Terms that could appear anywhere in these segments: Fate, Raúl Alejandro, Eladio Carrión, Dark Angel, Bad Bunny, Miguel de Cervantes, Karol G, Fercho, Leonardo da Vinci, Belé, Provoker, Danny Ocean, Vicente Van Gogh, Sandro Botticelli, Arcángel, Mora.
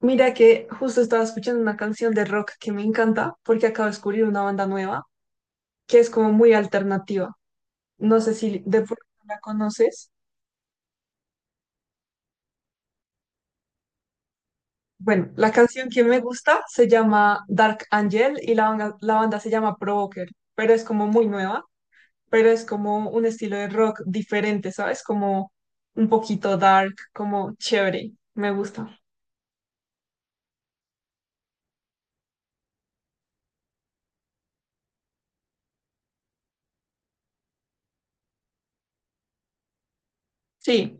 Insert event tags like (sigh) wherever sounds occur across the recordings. Mira que justo estaba escuchando una canción de rock que me encanta porque acabo de descubrir una banda nueva que es como muy alternativa. No sé si de pronto la conoces. Bueno, la canción que me gusta se llama Dark Angel y la banda se llama Provoker, pero es como muy nueva, pero es como un estilo de rock diferente, ¿sabes? Como un poquito dark, como chévere. Me gusta. Sí.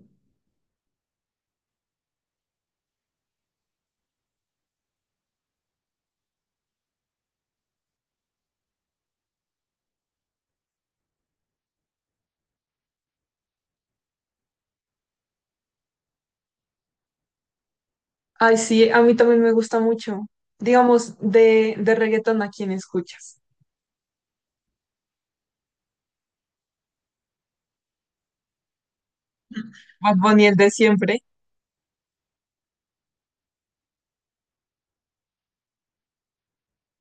Ay, sí, a mí también me gusta mucho. Digamos, de reggaetón, ¿a quién escuchas? Bad Bunny, el de siempre.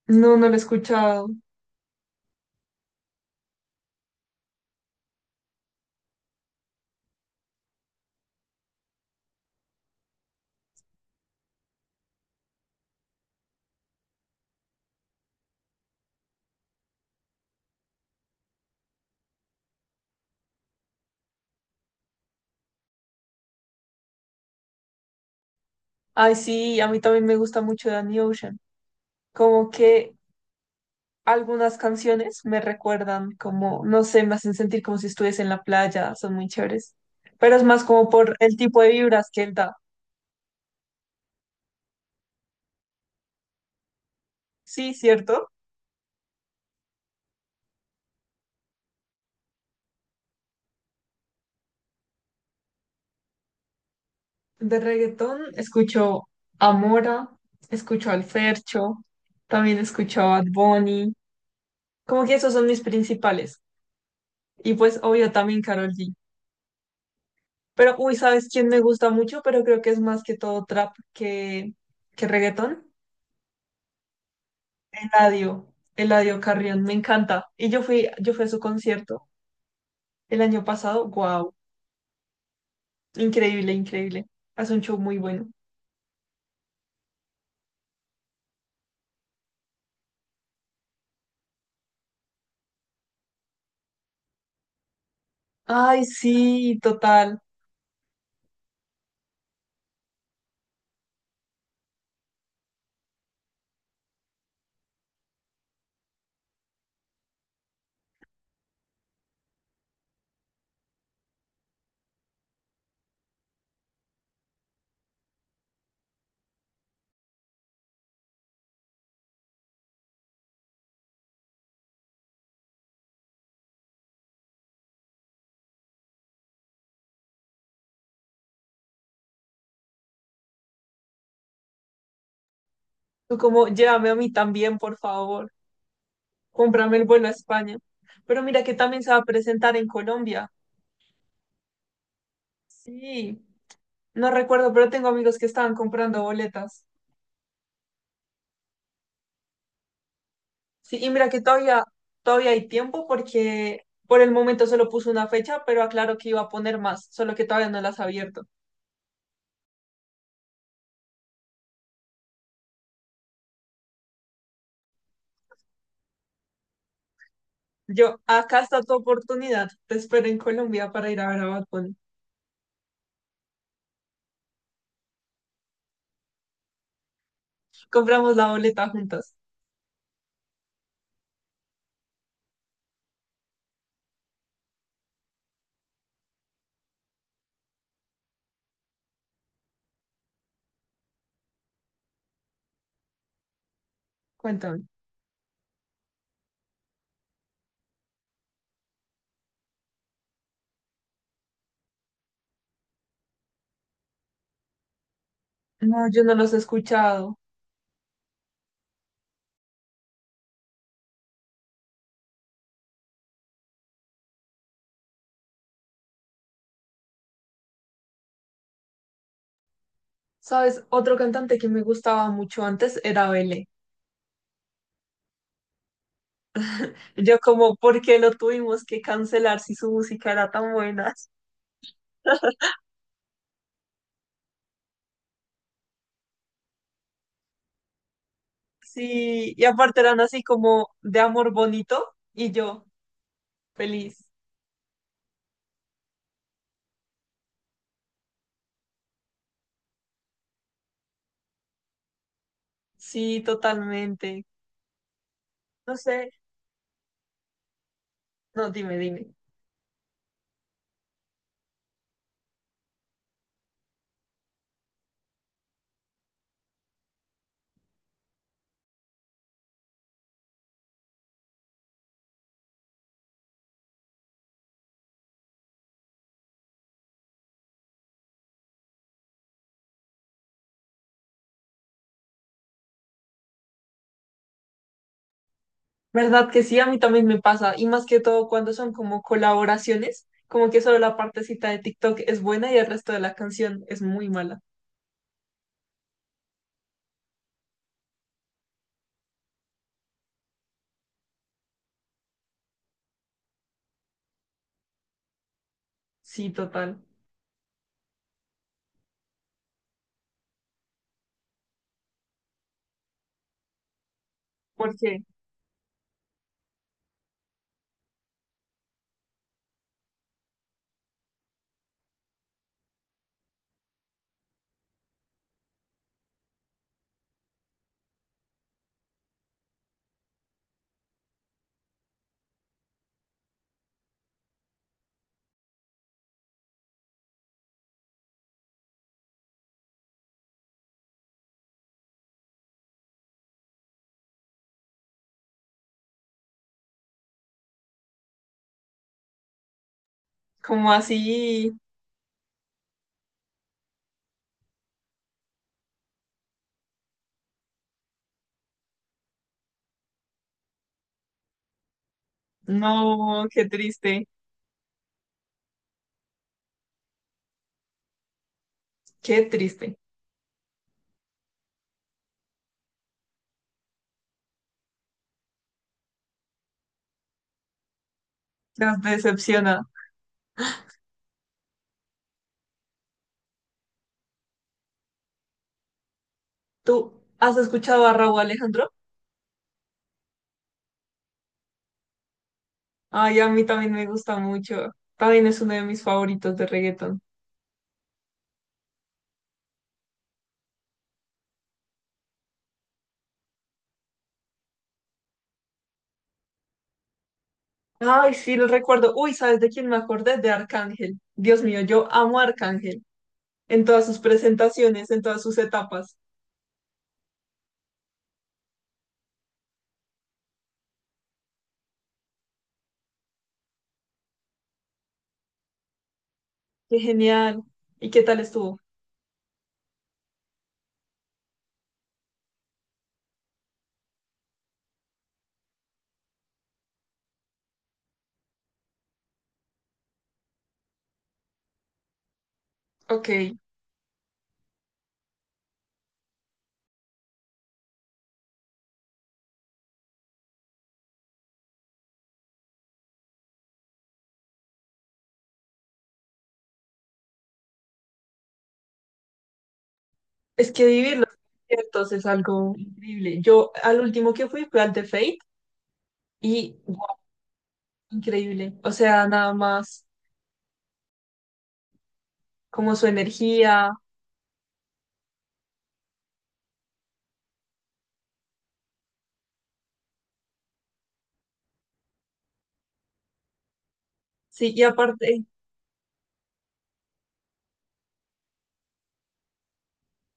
No, no lo he escuchado. Ay, sí, a mí también me gusta mucho Danny Ocean. Como que algunas canciones me recuerdan, como, no sé, me hacen sentir como si estuviese en la playa, son muy chéveres. Pero es más como por el tipo de vibras que él da. Sí, cierto. De reggaetón escucho a Mora, escucho al Fercho, también escucho a Bad Bunny. Como que esos son mis principales. Y pues, obvio, también Karol G. Pero, uy, ¿sabes quién me gusta mucho? Pero creo que es más que todo trap que reggaetón. Eladio, Eladio Carrión, me encanta. Y yo fui a su concierto el año pasado. Wow, increíble, increíble. Hace un show muy bueno. Ay, sí, total. Tú como, llévame a mí también, por favor. Cómprame el vuelo a España. Pero mira que también se va a presentar en Colombia. Sí, no recuerdo, pero tengo amigos que estaban comprando boletas. Sí, y mira que todavía, todavía hay tiempo porque por el momento solo puso una fecha, pero aclaro que iba a poner más, solo que todavía no las ha abierto. Yo, acá está tu oportunidad. Te espero en Colombia para ir a ver a Bad Bunny. Compramos la boleta juntas. Cuéntame. No, yo no los he escuchado. ¿Sabes? Otro cantante que me gustaba mucho antes era Belé. Yo como, ¿por qué lo tuvimos que cancelar si su música era tan buena? (laughs) Sí, y aparte eran así como de amor bonito y yo feliz. Sí, totalmente. No sé, no, dime, dime. ¿Verdad que sí? A mí también me pasa. Y más que todo cuando son como colaboraciones, como que solo la partecita de TikTok es buena y el resto de la canción es muy mala. Sí, total. ¿Por qué? Como así. No, qué triste. Qué triste. Nos decepciona. ¿Tú has escuchado a Raúl Alejandro? Ay, a mí también me gusta mucho. También es uno de mis favoritos de reggaeton. Ay, sí, lo recuerdo. Uy, ¿sabes de quién me acordé? De Arcángel. Dios mío, yo amo a Arcángel en todas sus presentaciones, en todas sus etapas. Qué genial. ¿Y qué tal estuvo? Ok. Es que vivir los conciertos es algo increíble. Yo al último que fui fue al de Fate y guau, increíble. O sea, nada más como su energía. Sí, y aparte,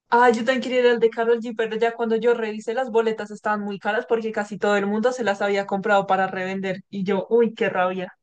ah, yo también quería ir al de Karol G, pero ya cuando yo revisé las boletas estaban muy caras porque casi todo el mundo se las había comprado para revender. Y yo, uy, qué rabia.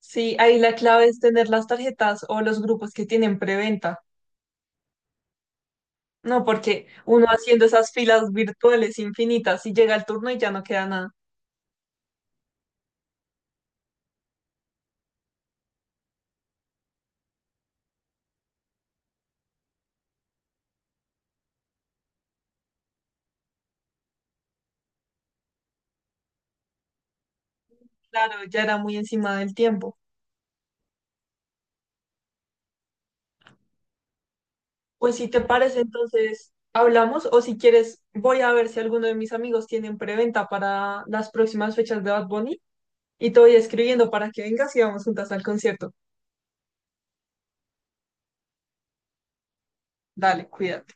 Sí, ahí la clave es tener las tarjetas o los grupos que tienen preventa. No, porque uno haciendo esas filas virtuales infinitas y llega el turno y ya no queda nada. Claro, ya era muy encima del tiempo. Pues si te parece, entonces hablamos o si quieres, voy a ver si alguno de mis amigos tienen preventa para las próximas fechas de Bad Bunny y te voy escribiendo para que vengas y vamos juntas al concierto. Dale, cuídate.